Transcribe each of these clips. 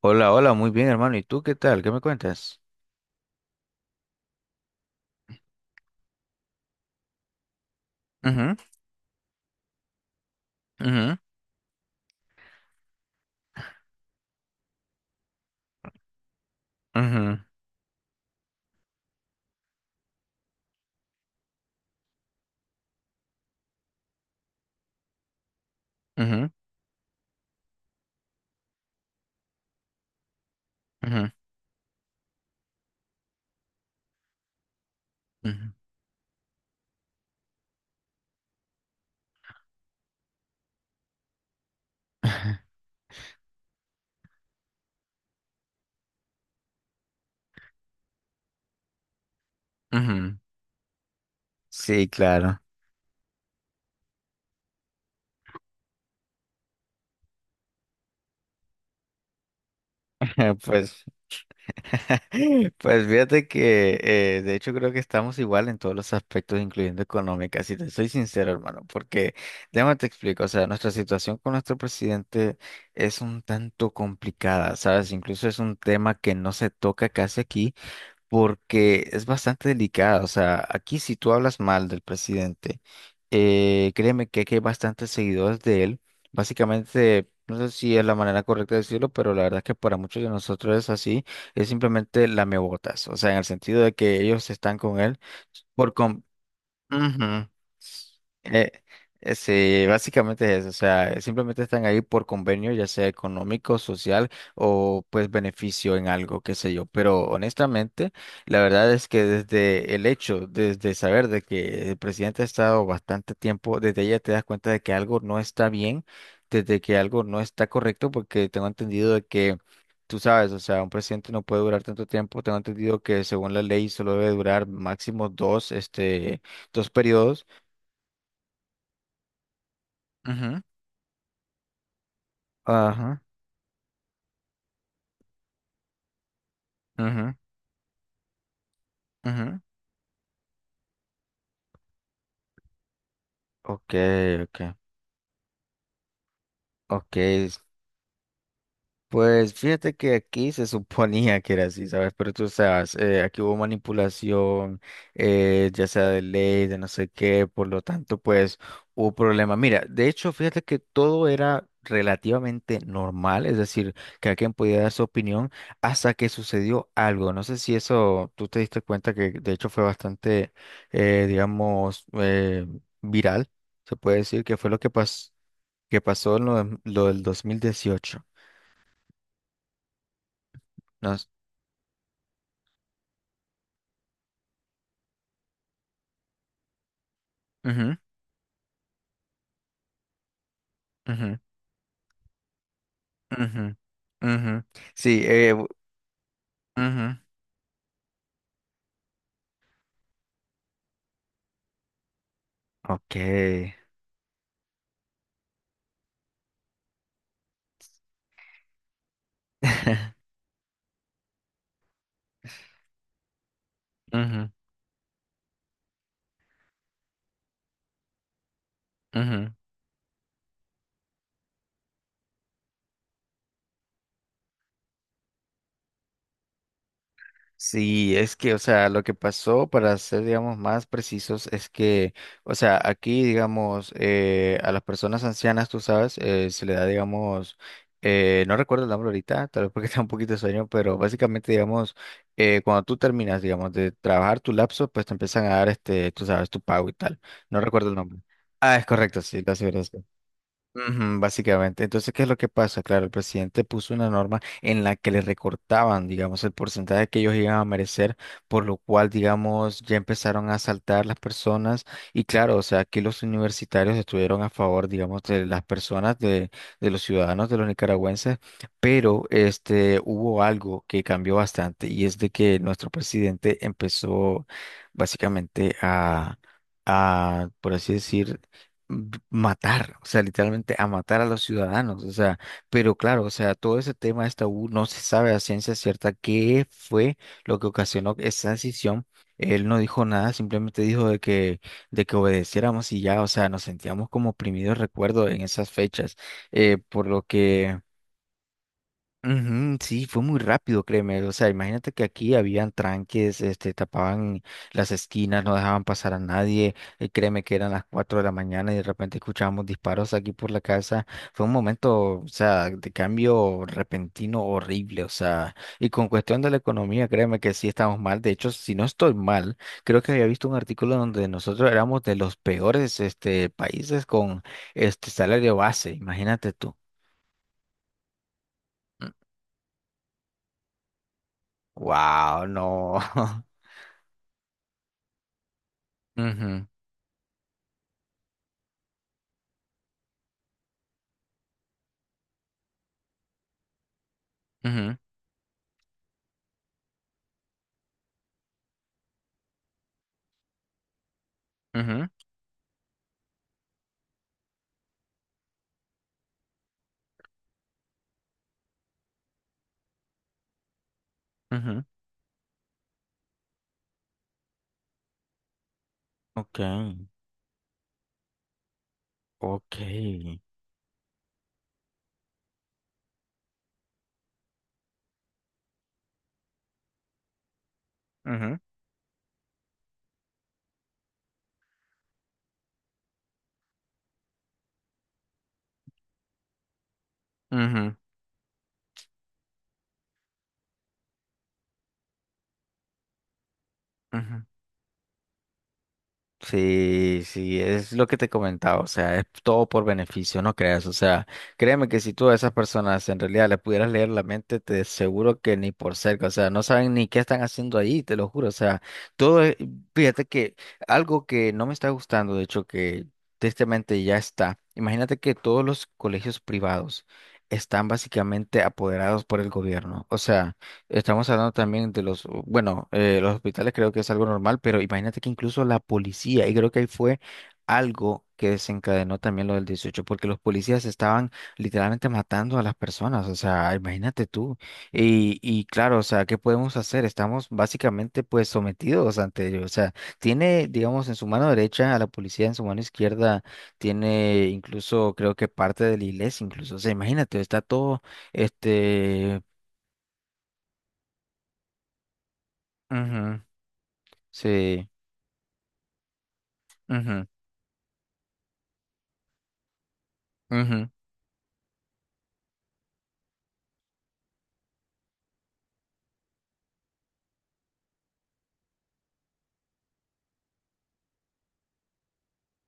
Hola, hola, muy bien, hermano. ¿Y tú qué tal? ¿Qué me cuentas? Ujú, ujú, ujú, ujú, ujú, ujú, ujú. Sí, claro. Pues, pues fíjate que de hecho creo que estamos igual en todos los aspectos, incluyendo económica. Si te soy sincero, hermano, porque déjame te explico, o sea, nuestra situación con nuestro presidente es un tanto complicada, ¿sabes? Incluso es un tema que no se toca casi aquí porque es bastante delicada. O sea, aquí si tú hablas mal del presidente, créeme que aquí hay bastantes seguidores de él. Básicamente, no sé si es la manera correcta de decirlo, pero la verdad es que para muchos de nosotros es así, es simplemente lamebotas. O sea, en el sentido de que ellos están con él por com- Ujú. Eh, sí, básicamente es eso, o sea, simplemente están ahí por convenio, ya sea económico, social o pues beneficio en algo, qué sé yo. Pero honestamente, la verdad es que desde el hecho, desde saber de que el presidente ha estado bastante tiempo, desde ella te das cuenta de que algo no está bien, desde que algo no está correcto, porque tengo entendido de que tú sabes, o sea, un presidente no puede durar tanto tiempo. Tengo entendido que según la ley solo debe durar máximo dos periodos. Ajá, ajá, ajá. Ok, ok, ok. Pues fíjate que aquí se suponía que era así, ¿sabes? Pero tú sabes, aquí hubo manipulación, ya sea de ley, de no sé qué, por lo tanto, pues hubo problema. Mira, de hecho, fíjate que todo era relativamente normal, es decir, que alguien podía dar su opinión hasta que sucedió algo. No sé si eso tú te diste cuenta que de hecho fue bastante, digamos, viral, se puede decir, que fue lo que, que pasó en lo del 2018. Ujú, ujú, ujú, ujú. Sí, ujú. Ok. Ujú, ujú. Sí, es que, o sea, lo que pasó, para ser, digamos, más precisos, es que, o sea, aquí, digamos, a las personas ancianas, tú sabes, se le da, digamos, no recuerdo el nombre ahorita, tal vez porque está un poquito de sueño, pero básicamente, digamos, cuando tú terminas, digamos, de trabajar tu lapso, pues te empiezan a dar, tú sabes, tu pago y tal. No recuerdo el nombre. Ah, es correcto, sí, gracias, gracias. Ujú. Básicamente. Entonces, ¿qué es lo que pasa? Claro, el presidente puso una norma en la que le recortaban, digamos, el porcentaje que ellos iban a merecer, por lo cual, digamos, ya empezaron a asaltar las personas. Y claro, o sea, aquí los universitarios estuvieron a favor, digamos, de las personas, de los ciudadanos, de los nicaragüenses, pero este, hubo algo que cambió bastante y es de que nuestro presidente empezó básicamente a, por así decir, matar, o sea, literalmente a matar a los ciudadanos, o sea, pero claro, o sea, todo ese tema de esta U no se sabe a ciencia cierta qué fue lo que ocasionó esa decisión. Él no dijo nada, simplemente dijo de que obedeciéramos y ya, o sea, nos sentíamos como oprimidos, recuerdo, en esas fechas, por lo que ujú, sí, fue muy rápido, créeme. O sea, imagínate que aquí habían tranques, tapaban las esquinas, no dejaban pasar a nadie. Créeme que eran las 4 de la mañana y de repente escuchábamos disparos aquí por la casa. Fue un momento, o sea, de cambio repentino horrible. O sea, y con cuestión de la economía, créeme que sí estamos mal. De hecho, si no estoy mal, creo que había visto un artículo donde nosotros éramos de los peores, países con este salario base. Imagínate tú. Wow, no. Ujú, ujú, ujú, ujú, ok, ok, ujú, ujú, ujú. Sí, sí, es lo que te comentaba, o sea, es todo por beneficio, no creas, o sea, créeme que si tú a esas personas en realidad le pudieras leer la mente, te aseguro que ni por cerca, o sea, no saben ni qué están haciendo ahí, te lo juro, o sea, todo, fíjate que algo que no me está gustando, de hecho, que tristemente ya está, imagínate que todos los colegios privados están básicamente apoderados por el gobierno, o sea... Estamos hablando también de los, bueno, los hospitales creo que es algo normal, pero imagínate que incluso la policía, y creo que ahí fue algo que desencadenó también lo del 18 porque los policías estaban literalmente matando a las personas, o sea, imagínate tú. Y claro, o sea, ¿qué podemos hacer? Estamos básicamente pues sometidos ante ellos, o sea, tiene, digamos, en su mano derecha a la policía, en su mano izquierda tiene incluso, creo que parte de la iglesia, incluso, o sea, imagínate, está todo, este... Ujú. Sí. Ujú, ujú,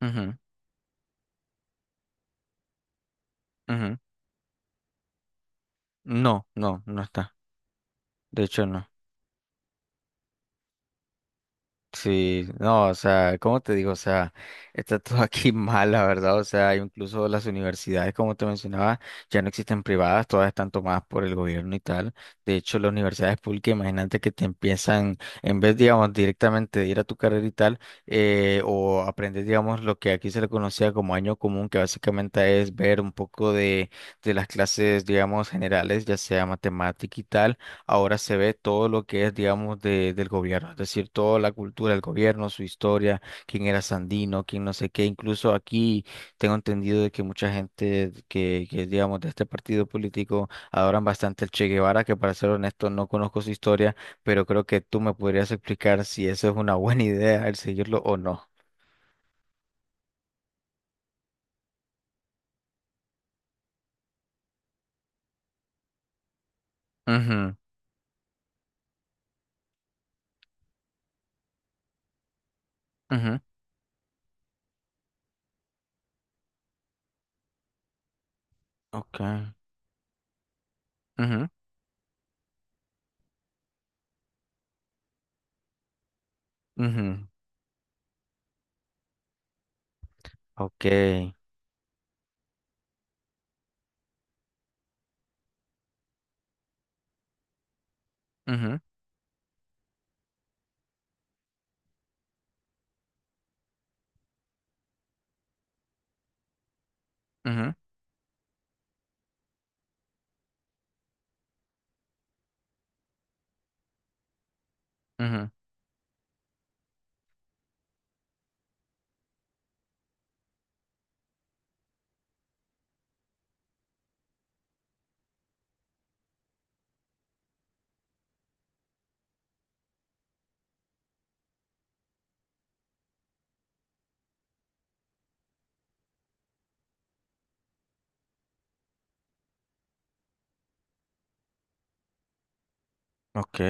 ujú, ujú. No, no, no está. De hecho, no. Sí, no, o sea, ¿cómo te digo? O sea, está todo aquí mal, la verdad. O sea, incluso las universidades, como te mencionaba, ya no existen privadas, todas están tomadas por el gobierno y tal. De hecho, las universidades públicas, imagínate que te empiezan, en vez, digamos, directamente de ir a tu carrera y tal, o aprender, digamos, lo que aquí se le conocía como año común, que básicamente es ver un poco de las clases, digamos, generales, ya sea matemática y tal ahora se ve todo lo que es, digamos, de, del gobierno, es decir, toda la cultura del gobierno, su historia, quién era Sandino, quién no sé qué, incluso aquí tengo entendido de que mucha gente que, digamos, de este partido político adoran bastante el Che Guevara, que para ser honesto no conozco su historia, pero creo que tú me podrías explicar si eso es una buena idea, el seguirlo o no. Ujú, ujú, ok, ujú, ujú, ok, ujú, ujú, ujú, ok,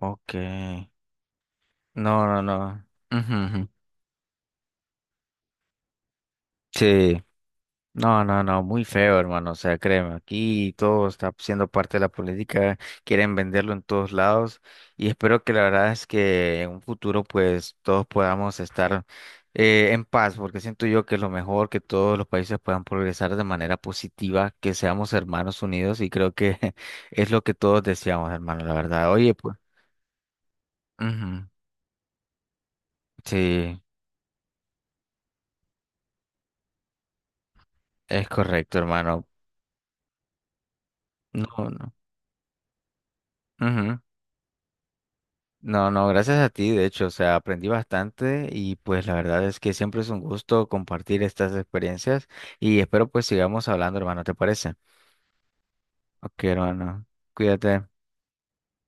ok. No, no, no. Ujú, ujú. Sí. No, no, no, muy feo, hermano. O sea, créeme, aquí todo está siendo parte de la política, quieren venderlo en todos lados y espero que la verdad es que en un futuro pues todos podamos estar en paz, porque siento yo que es lo mejor, que todos los países puedan progresar de manera positiva, que seamos hermanos unidos y creo que es lo que todos deseamos, hermano, la verdad. Oye, pues. Ujú, sí, es correcto, hermano. No, no. Ujú. No, no, gracias a ti, de hecho, o sea, aprendí bastante y pues la verdad es que siempre es un gusto compartir estas experiencias y espero pues sigamos hablando, hermano, ¿te parece? Ok, hermano, cuídate.